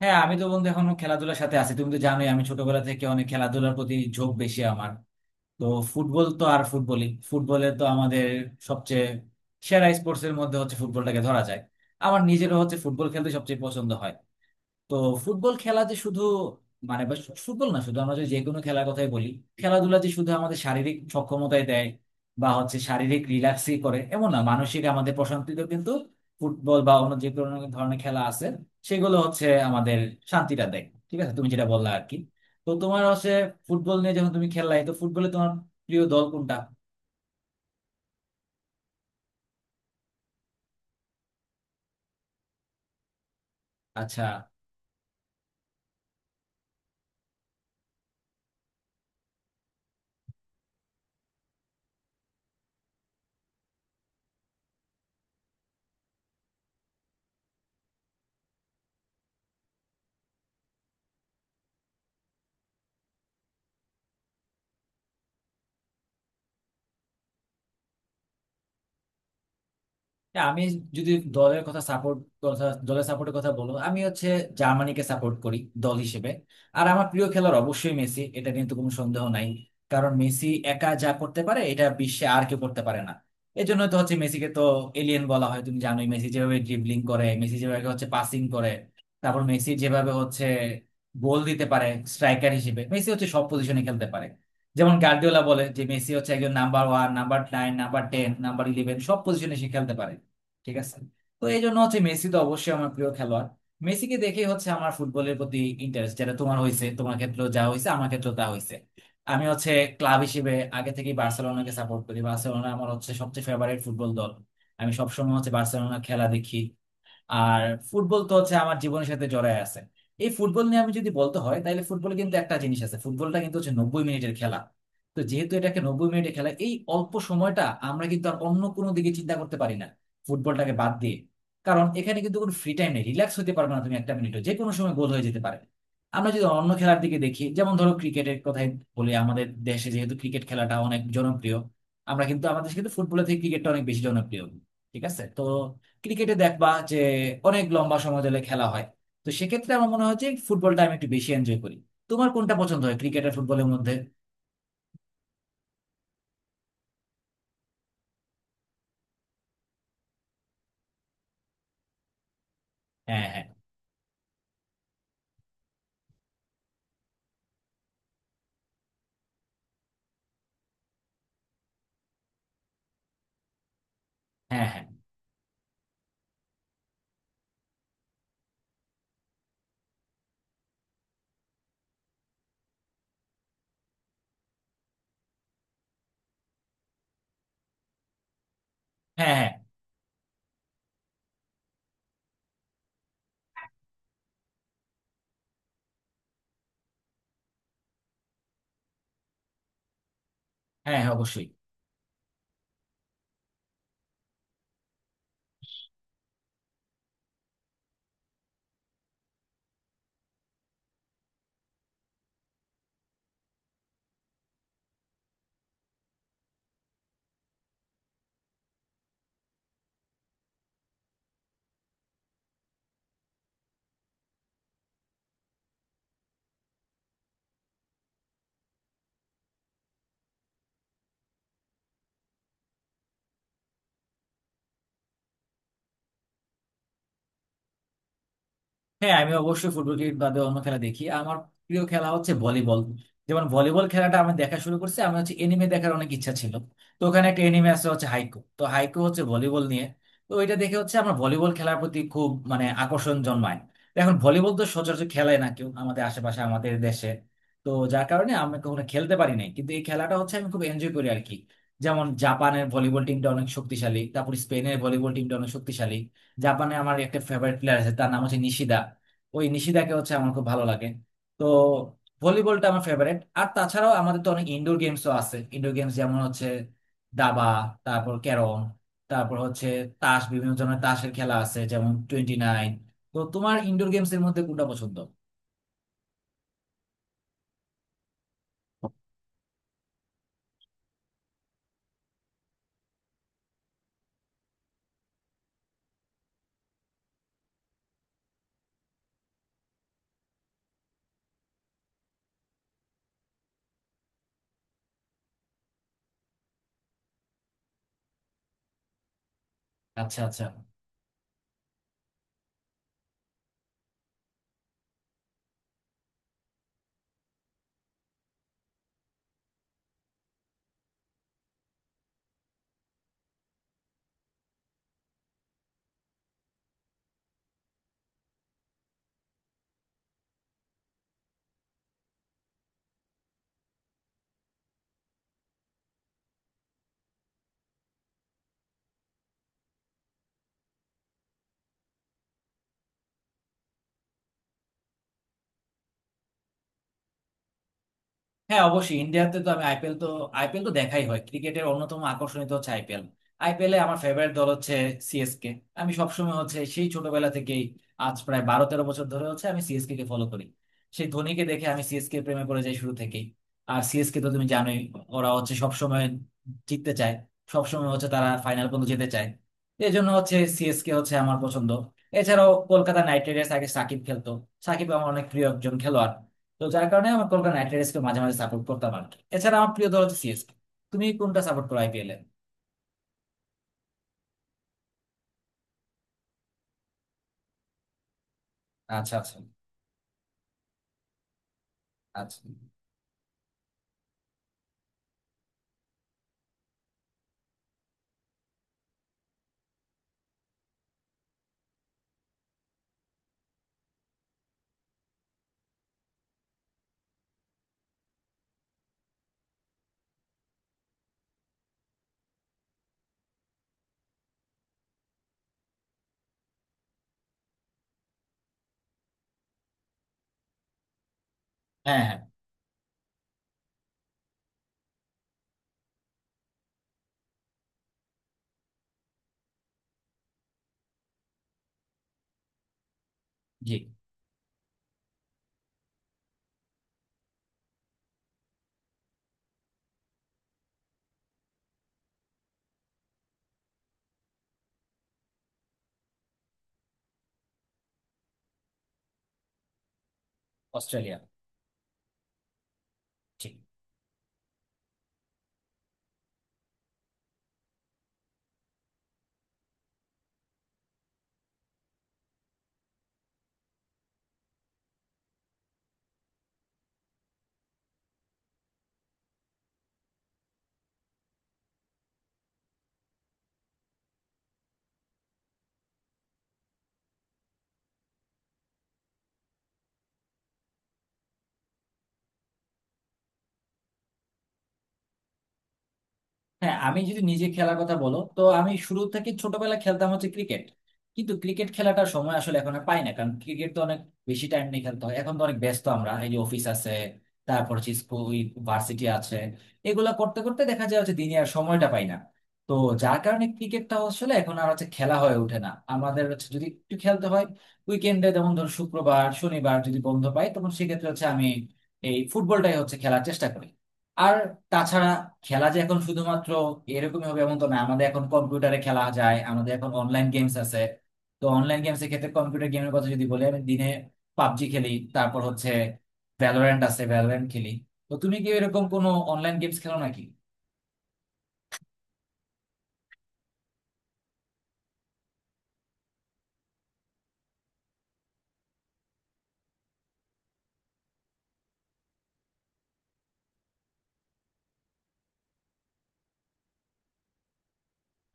হ্যাঁ, আমি তো বন্ধু এখনো খেলাধুলার সাথে আছি। তুমি তো জানোই আমি ছোটবেলা থেকে অনেক খেলাধুলার প্রতি ঝোঁক বেশি আমার। তো ফুটবল তো আর ফুটবলই, ফুটবলে তো আমাদের সবচেয়ে সেরা স্পোর্টস এর মধ্যে হচ্ছে ফুটবলটাকে ধরা যায়। আমার নিজেরও হচ্ছে ফুটবল খেলতে সবচেয়ে পছন্দ হয়। তো ফুটবল খেলা যে শুধু ফুটবল না, শুধু আমরা যদি যে কোনো খেলার কথাই বলি, খেলাধুলা যে শুধু আমাদের শারীরিক সক্ষমতায় দেয় বা হচ্ছে শারীরিক রিল্যাক্সই করে এমন না, মানসিক আমাদের প্রশান্তিতেও কিন্তু ফুটবল বা অন্য যে কোনো ধরনের খেলা আছে, সেগুলো হচ্ছে আমাদের শান্তিটা দেয়। ঠিক আছে, তুমি যেটা বললা আর কি। তো তোমার হচ্ছে ফুটবল নিয়ে, যখন তুমি খেললাই তো ফুটবলে তোমার প্রিয় দল কোনটা? আচ্ছা। না, আমি যদি দলের সাপোর্টের কথা বলো, আমি হচ্ছে জার্মানিকে সাপোর্ট করি দল হিসেবে। আর আমার প্রিয় খেলোয়াড় অবশ্যই মেসি, এটা নিয়ে তো কোনো সন্দেহ নাই। কারণ মেসি একা যা করতে পারে এটা বিশ্বে আর কেউ করতে পারে না। এই জন্য তো হচ্ছে মেসিকে তো এলিয়েন বলা হয়। তুমি জানোই মেসি যেভাবে ড্রিবলিং করে, মেসি যেভাবে হচ্ছে পাসিং করে, তারপর মেসি যেভাবে হচ্ছে গোল দিতে পারে। স্ট্রাইকার হিসেবে মেসি হচ্ছে সব পজিশনে খেলতে পারে। যেমন গার্দিওলা বলে যে মেসি হচ্ছে একজন number one, number nine, number ten, number eleven, সব পজিশনে সে খেলতে পারে। ঠিক আছে। তো এই জন্য হচ্ছে মেসি তো অবশ্যই আমার প্রিয় খেলোয়াড়। মেসিকে দেখেই হচ্ছে আমার ফুটবলের প্রতি ইন্টারেস্ট যেটা তোমার হয়েছে, তোমার ক্ষেত্রেও যা হয়েছে আমার ক্ষেত্রেও তা হয়েছে। আমি হচ্ছে ক্লাব হিসেবে আগে থেকেই বার্সেলোনাকে সাপোর্ট করি। বার্সেলোনা আমার হচ্ছে সবচেয়ে ফেভারিট ফুটবল দল। আমি সবসময় হচ্ছে বার্সেলোনা খেলা দেখি। আর ফুটবল তো হচ্ছে আমার জীবনের সাথে জড়ায় আছে। এই ফুটবল নিয়ে আমি যদি বলতে হয়, তাহলে ফুটবল কিন্তু একটা জিনিস আছে, ফুটবলটা কিন্তু হচ্ছে 90 মিনিটের খেলা। তো যেহেতু এটাকে 90 মিনিটের খেলা, এই অল্প সময়টা আমরা কিন্তু আর অন্য কোনো দিকে চিন্তা করতে পারি না ফুটবলটাকে বাদ দিয়ে। কারণ এখানে কিন্তু কোনো ফ্রি টাইম নেই, রিল্যাক্স হতে পারবে না তুমি একটা মিনিটও, যে কোনো সময় গোল হয়ে যেতে পারে। আমরা যদি অন্য খেলার দিকে দেখি, যেমন ধরো ক্রিকেটের কথাই বলি, আমাদের দেশে যেহেতু ক্রিকেট খেলাটা অনেক জনপ্রিয়, আমরা কিন্তু আমাদের দেশে কিন্তু ফুটবলের থেকে ক্রিকেটটা অনেক বেশি জনপ্রিয়। ঠিক আছে। তো ক্রিকেটে দেখবা যে অনেক লম্বা সময় ধরে খেলা হয়। তো সেক্ষেত্রে আমার মনে হয় যে ফুটবলটা আমি একটু বেশি এনজয় করি। তোমার কোনটা পছন্দ হয় ক্রিকেট আর ফুটবলের মধ্যে? হ্যাঁ, হ্যাঁ, হ্যাঁ, হ্যাঁ, হ্যাঁ, হ্যাঁ, হ্যাঁ। হ্যাঁ, অবশ্যই। হ্যাঁ, আমি অবশ্যই ফুটবল ক্রিকেট বাদে অন্য খেলা দেখি। আমার প্রিয় খেলা হচ্ছে ভলিবল। যেমন ভলিবল খেলাটা আমি দেখা শুরু করছি, আমি হচ্ছে এনিমে দেখার অনেক ইচ্ছা ছিল। তো ওখানে একটা এনিমে আছে হচ্ছে হাইকো, তো হাইকো হচ্ছে ভলিবল নিয়ে। তো ওইটা দেখে হচ্ছে আমার ভলিবল খেলার প্রতি খুব মানে আকর্ষণ জন্মায়। তো এখন ভলিবল তো সচরাচর খেলায় না কেউ আমাদের আশেপাশে, আমাদের দেশে। তো যার কারণে আমি কখনো খেলতে পারি নাই, কিন্তু এই খেলাটা হচ্ছে আমি খুব এনজয় করি আর কি। যেমন জাপানের ভলিবল টিমটা অনেক শক্তিশালী, তারপর স্পেনের ভলিবল টিমটা অনেক শক্তিশালী। জাপানে আমার একটা ফেভারিট প্লেয়ার আছে, তার নাম হচ্ছে নিশিদা। ওই নিশিদাকে হচ্ছে আমার খুব ভালো লাগে। তো ভলিবলটা আমার ফেভারিট। আর তাছাড়াও আমাদের তো অনেক ইনডোর গেমসও আছে। ইনডোর গেমস যেমন হচ্ছে দাবা, তারপর ক্যারম, তারপর হচ্ছে তাস, বিভিন্ন ধরনের তাসের খেলা আছে যেমন 29। তো তোমার ইনডোর গেমস এর মধ্যে কোনটা পছন্দ? আচ্ছা, আচ্ছা। হ্যাঁ, অবশ্যই। ইন্ডিয়াতে তো আমি আইপিএল তো, আইপিএল তো দেখাই হয়। ক্রিকেটের অন্যতম আকর্ষণীয় তো হচ্ছে আইপিএল। আইপিএলে আমার ফেভারিট দল হচ্ছে সিএসকে। আমি সবসময় হচ্ছে সেই ছোটবেলা থেকেই আজ প্রায় 12-13 বছর ধরে হচ্ছে আমি সিএসকে কে ফলো করি। সেই ধোনিকে দেখে আমি সিএসকে প্রেমে পড়ে যাই শুরু থেকেই। আর সিএসকে তো তুমি জানোই, ওরা হচ্ছে সবসময় জিততে চায়, সবসময় হচ্ছে তারা ফাইনাল পর্যন্ত যেতে চায়। এই জন্য হচ্ছে সিএসকে হচ্ছে আমার পছন্দ। এছাড়াও কলকাতা নাইট রাইডার্স, আগে সাকিব খেলতো। সাকিব আমার অনেক প্রিয় একজন খেলোয়াড়। তো যার কারণে আমার কলকাতা নাইট রাইডার্সকে মাঝে মাঝে সাপোর্ট করতাম আর কি। এছাড়া আমার প্রিয় দল হচ্ছে সিএসকে। তুমি কোনটা সাপোর্ট করো আইপিএল এ? আচ্ছা, আচ্ছা, আচ্ছা। হ্যাঁ, হ্যাঁ। জি। অস্ট্রেলিয়া। ঠিক। হ্যাঁ, আমি যদি নিজে খেলার কথা বলো, তো আমি শুরু থেকে ছোটবেলা খেলতাম হচ্ছে ক্রিকেট। কিন্তু ক্রিকেট খেলাটার সময় আসলে এখন আর পাই না, কারণ ক্রিকেট তো অনেক বেশি টাইম নিয়ে খেলতে হয়। এখন তো অনেক ব্যস্ত আমরা, এই যে অফিস আছে, তারপর হচ্ছে স্কুল, ভার্সিটি আছে, এগুলা করতে করতে দেখা যায় হচ্ছে দিনে আর সময়টা পাই না। তো যার কারণে ক্রিকেটটা আসলে এখন আর হচ্ছে খেলা হয়ে ওঠে না আমাদের হচ্ছে। যদি একটু খেলতে হয়, উইকেন্ডে যেমন ধর শুক্রবার শনিবার যদি বন্ধ পাই, তখন সেক্ষেত্রে হচ্ছে আমি এই ফুটবলটাই হচ্ছে খেলার চেষ্টা করি। আর তাছাড়া খেলা যে এখন শুধুমাত্র এরকমই হবে এমন তো না, আমাদের এখন কম্পিউটারে খেলা যায়, আমাদের এখন অনলাইন গেমস আছে। তো অনলাইন গেমসের ক্ষেত্রে কম্পিউটার গেমের কথা যদি বলি, আমি দিনে পাবজি খেলি, তারপর হচ্ছে ভ্যালোরেন্ট আছে, ভ্যালোরেন্ট খেলি। তো তুমি কি এরকম কোনো অনলাইন গেমস খেলো নাকি?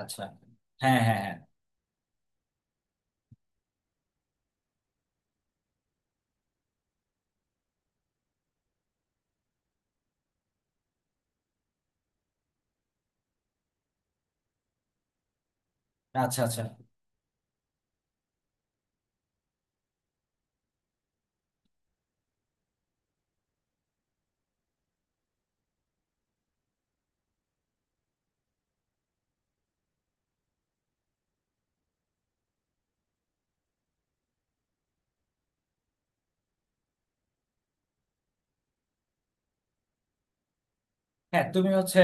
আচ্ছা। হ্যাঁ, হ্যাঁ, হ্যাঁ। আচ্ছা, আচ্ছা। হ্যাঁ, তুমি হচ্ছে,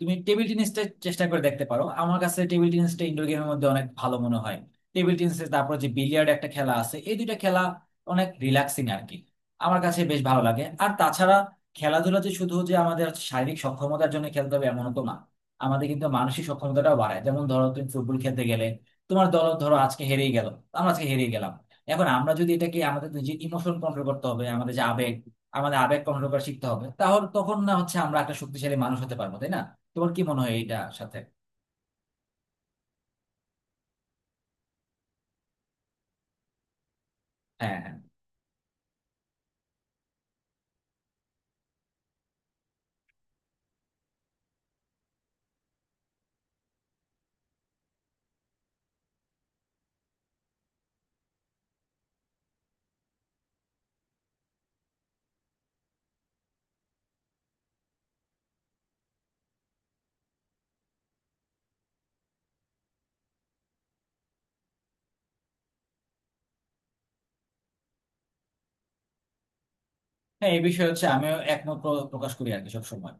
তুমি টেবিল টেনিসটা চেষ্টা করে দেখতে পারো। আমার কাছে টেবিল টেনিসটা ইনডোর গেমের মধ্যে অনেক ভালো মনে হয়। টেবিল টেনিস, তারপর যে বিলিয়ার্ড একটা খেলা আছে, এই দুইটা খেলা অনেক রিল্যাক্সিং আর কি। আমার কাছে বেশ ভালো লাগে। আর তাছাড়া খেলাধুলা যে শুধু যে আমাদের শারীরিক সক্ষমতার জন্য খেলতে হবে এমনও তো না, আমাদের কিন্তু মানসিক সক্ষমতাটাও বাড়ায়। যেমন ধরো তুমি ফুটবল খেলতে গেলে, তোমার দল ধরো আজকে হেরেই গেল, আমরা আজকে হেরেই গেলাম। এখন আমরা যদি এটাকে, আমাদের যে ইমোশন কন্ট্রোল করতে হবে, আমাদের যে আবেগ, আমাদের আবেগ কন্ট্রোল করা শিখতে হবে, তাহলে তখন না হচ্ছে আমরা একটা শক্তিশালী মানুষ হতে পারবো তাই না? তোমার কি মনে হয় এটা সাথে? হ্যাঁ, হ্যাঁ, হ্যাঁ, এই বিষয়ে হচ্ছে আমিও একমত প্রকাশ করি আর কি সবসময়।